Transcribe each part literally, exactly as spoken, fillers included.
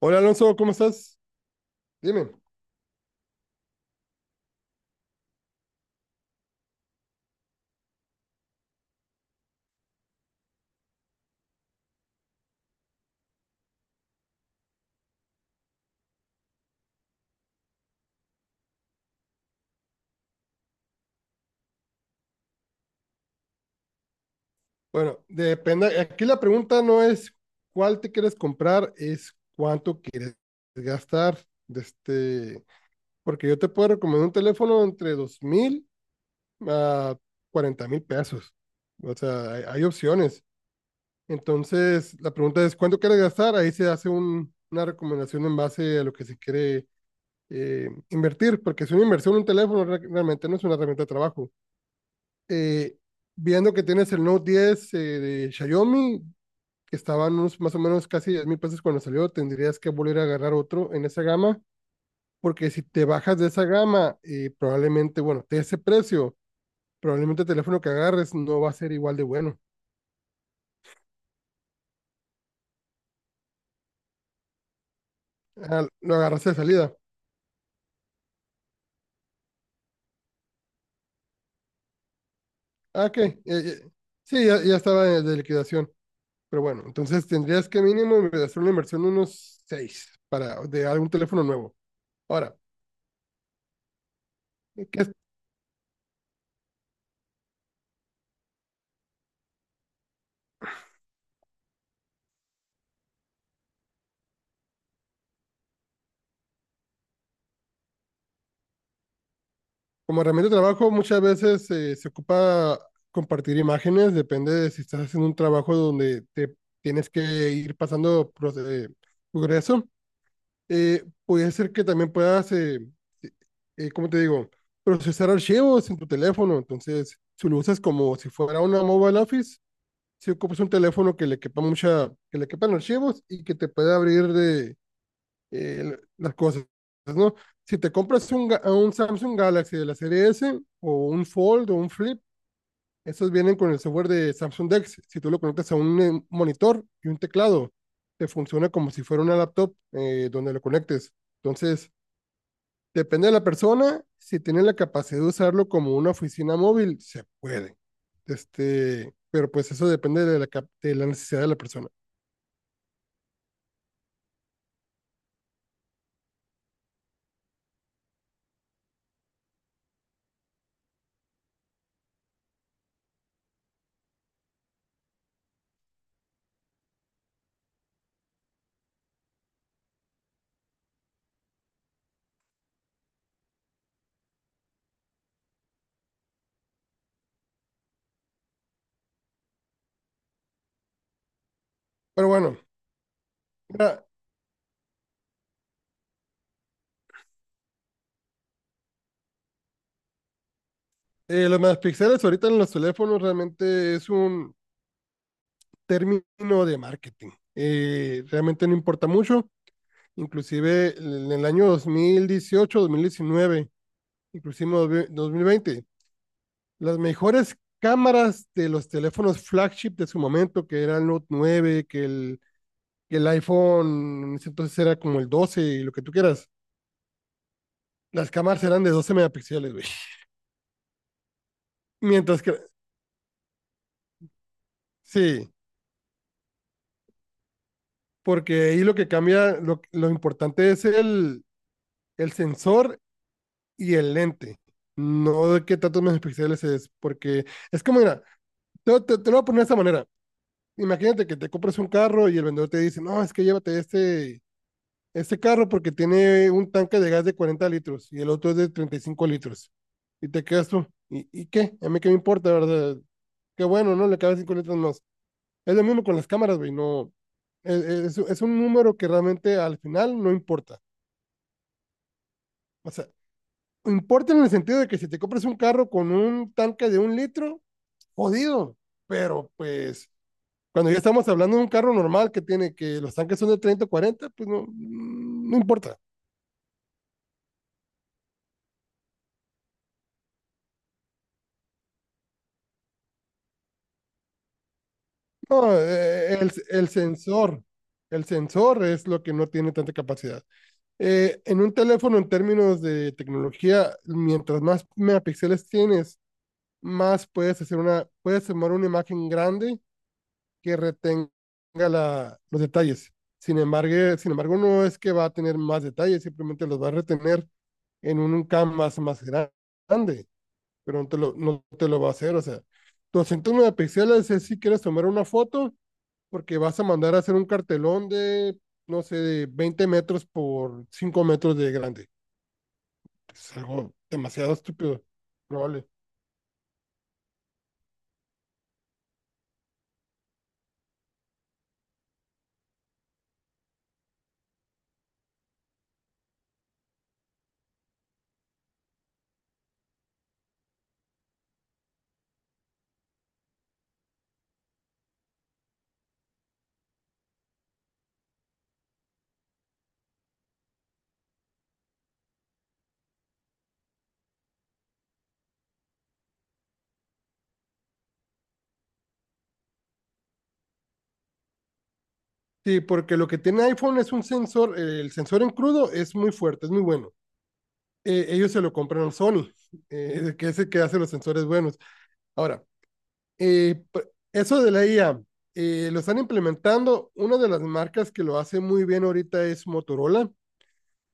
Hola Alonso, ¿cómo estás? Dime. Bueno, depende. Aquí la pregunta no es cuál te quieres comprar, es cuánto quieres gastar. De este, porque yo te puedo recomendar un teléfono entre dos mil a cuarenta mil pesos. O sea, hay, hay opciones. Entonces, la pregunta es cuánto quieres gastar. Ahí se hace un- una recomendación en base a lo que se quiere eh, invertir, porque es una inversión, un teléfono re- realmente no es una herramienta de trabajo. eh, Viendo que tienes el Note diez eh, de Xiaomi, que estaban unos más o menos casi diez mil pesos cuando salió, tendrías que volver a agarrar otro en esa gama, porque si te bajas de esa gama, eh, probablemente, bueno, de ese precio, probablemente el teléfono que agarres no va a ser igual de bueno. Ah, lo agarraste de salida. Ah, ok. Eh, eh, sí, ya, ya estaba de, de liquidación. Pero bueno, entonces tendrías que mínimo hacer una inversión de unos seis para de algún teléfono nuevo. Ahora, ¿qué? Como herramienta de trabajo, muchas veces eh, se ocupa compartir imágenes, depende de si estás haciendo un trabajo donde te tienes que ir pasando proce- eh, progreso. Eh, puede ser que también puedas, eh, eh, ¿cómo te digo?, procesar archivos en tu teléfono. Entonces, si lo usas como si fuera una mobile office, si ocupas un teléfono que le quepa mucha, que le quepan archivos y que te pueda abrir eh, las cosas, ¿no? Si te compras un, un Samsung Galaxy de la serie S o un Fold o un Flip, esos vienen con el software de Samsung Dex. Si tú lo conectas a un eh, monitor y un teclado, te funciona como si fuera una laptop eh, donde lo conectes. Entonces, depende de la persona. Si tiene la capacidad de usarlo como una oficina móvil, se puede. Este, pero pues eso depende de la, de la necesidad de la persona. Pero bueno, mira, eh, los megapíxeles ahorita en los teléfonos realmente es un término de marketing. Eh, realmente no importa mucho. Inclusive en el año dos dos mil dieciocho, dos mil diecinueve, inclusive dos mil veinte, las mejores cámaras de los teléfonos flagship de su momento, que era el Note nueve, que el, que el iPhone en ese entonces era como el doce y lo que tú quieras. Las cámaras eran de doce megapíxeles, güey. Mientras que, sí, porque ahí lo que cambia, lo, lo importante es el, el sensor y el lente, no de qué tantos megapíxeles es, porque es como, mira, te, te- te lo voy a poner de esta manera. Imagínate que te compras un carro y el vendedor te dice, no, es que llévate este, este carro porque tiene un tanque de gas de cuarenta litros y el otro es de treinta y cinco litros. Y te quedas tú, ¿y, y qué? A mí qué me importa, ¿verdad? Qué bueno, ¿no? Le cabe cinco litros más. Es lo mismo con las cámaras, güey, no. Es, es- es un número que realmente al final no importa. O sea, importa en el sentido de que si te compras un carro con un tanque de un litro, jodido, pero pues cuando ya estamos hablando de un carro normal que tiene que los tanques son de treinta o cuarenta, pues no, no importa. No, eh, el, el sensor, el sensor es lo que no tiene tanta capacidad. Eh, en un teléfono, en términos de tecnología, mientras más megapíxeles tienes, más puedes hacer una, puedes tomar una imagen grande que retenga la, los detalles. Sin embargo, sin embargo, no es que va a tener más detalles, simplemente los va a retener en un canvas más grande, pero no te lo, no te lo va a hacer. O sea, doscientos nueve píxeles es si quieres tomar una foto, porque vas a mandar a hacer un cartelón de, no sé, de veinte metros por cinco metros de grande. Es algo demasiado estúpido, probable. Sí, porque lo que tiene iPhone es un sensor, el sensor en crudo es muy fuerte, es muy bueno. Eh, ellos se lo compraron Sony, eh, que es el que hace los sensores buenos. Ahora, eh, eso de la I A, lo están implementando. Una de las marcas que lo hace muy bien ahorita es Motorola,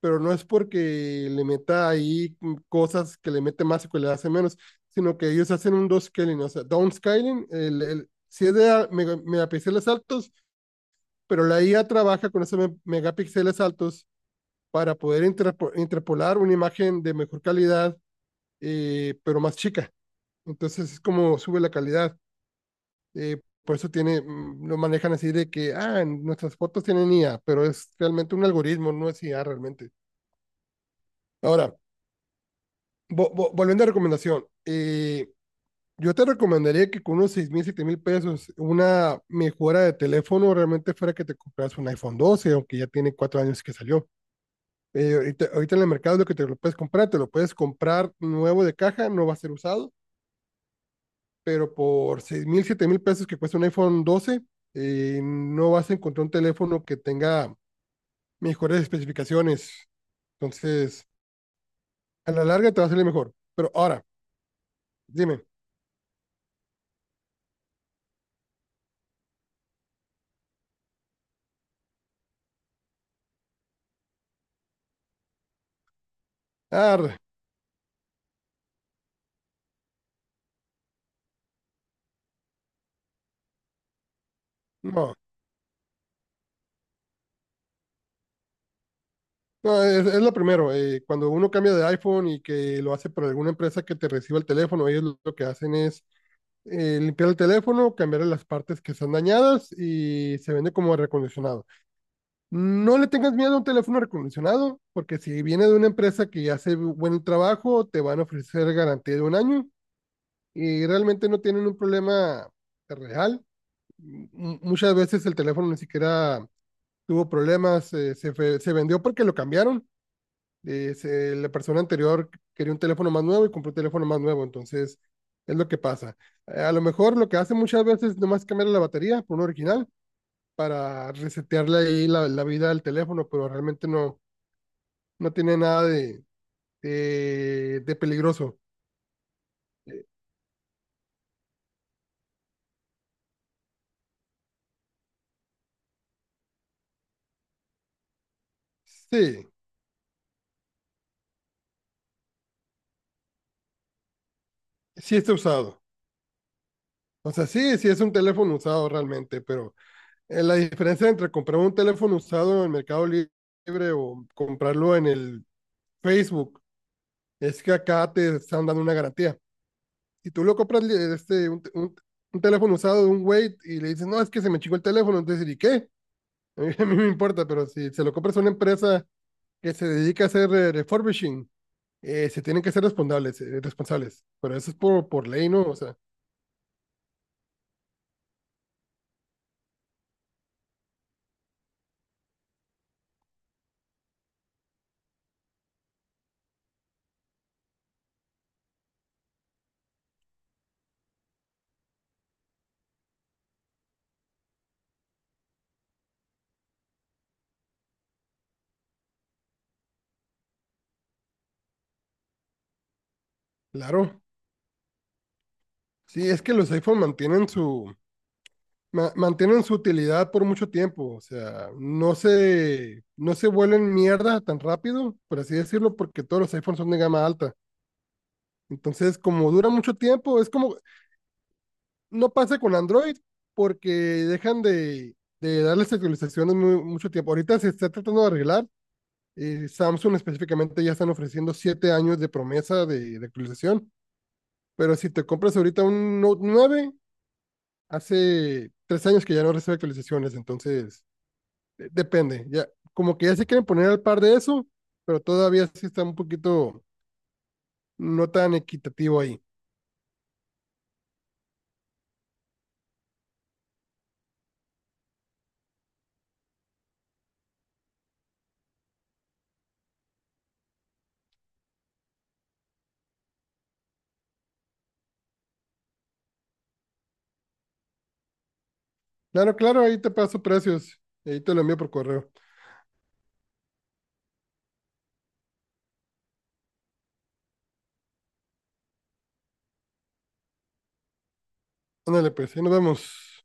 pero no es porque le meta ahí mm, cosas que le mete más o que le hace menos, sino que ellos hacen un downscaling, o sea, downscaling, el, el, si es de mega, megapíxeles altos, pero la I A trabaja con esos megapíxeles altos para poder interpo, interpolar una imagen de mejor calidad, eh, pero más chica. Entonces es como sube la calidad. Eh, por eso tiene, mm, lo manejan así de que, ah, en nuestras fotos tienen I A, pero es realmente un algoritmo, no es I A realmente. Ahora, vo- vo- volviendo a recomendación, eh, yo te recomendaría que con unos seis mil, siete mil pesos, una mejora de teléfono realmente fuera que te compras un iPhone doce, aunque ya tiene cuatro años que salió. Eh, ahorita, ahorita en el mercado lo que te lo puedes comprar, te lo puedes comprar nuevo de caja, no va a ser usado, pero por seis mil, siete mil pesos que cuesta un iPhone doce, eh, no vas a encontrar un teléfono que tenga mejores especificaciones. Entonces, a la larga te va a salir mejor. Pero ahora, dime. arre, no, no, es, es lo primero. Eh, cuando uno cambia de iPhone y que lo hace por alguna empresa que te reciba el teléfono, ellos lo, lo que hacen es eh, limpiar el teléfono, cambiar las partes que están dañadas y se vende como recondicionado. No le tengas miedo a un teléfono recondicionado, porque si viene de una empresa que hace buen trabajo, te van a ofrecer garantía de un año y realmente no tienen un problema real. M- Muchas veces el teléfono ni siquiera tuvo problemas, eh, se, fe- se vendió porque lo cambiaron. Eh, se- la persona anterior quería un teléfono más nuevo y compró un teléfono más nuevo, entonces es lo que pasa. Eh, a lo mejor lo que hacen muchas veces es nomás cambiar la batería por un original para resetearle ahí la, la vida al teléfono, pero realmente no. No tiene nada de, de, de peligroso. Sí, sí está usado. O sea, sí, sí es un teléfono usado realmente, pero eh, la diferencia entre comprar un teléfono usado en el Mercado Li- Libre o comprarlo en el Facebook es que acá te están dando una garantía. Si tú lo compras li- este, un, te- un- un teléfono usado de un güey y le dices, no, es que se me chingó el teléfono, entonces, ¿y qué? A mí, a mí me importa, pero si se lo compras a una empresa que se dedica a hacer eh, refurbishing, eh, se tienen que ser responsables, eh, responsables. Pero eso es por, por ley, ¿no? O sea, claro. Sí, es que los iPhone mantienen su, ma- mantienen su utilidad por mucho tiempo. O sea, no se, no se vuelven mierda tan rápido, por así decirlo, porque todos los iPhones son de gama alta. Entonces, como dura mucho tiempo, es como, no pasa con Android, porque dejan de, de darles actualizaciones mu- mucho tiempo. Ahorita se está tratando de arreglar. eh, Samsung específicamente ya están ofreciendo siete años de promesa de, de actualización. Pero si te compras ahorita un Note nueve hace tres años que ya no recibe actualizaciones, entonces de- depende. Ya, como que ya se quieren poner al par de eso, pero todavía sí está un poquito no tan equitativo ahí. Claro, claro, ahí te paso precios. Ahí te lo envío por correo. Ándale, pues, ahí nos vemos.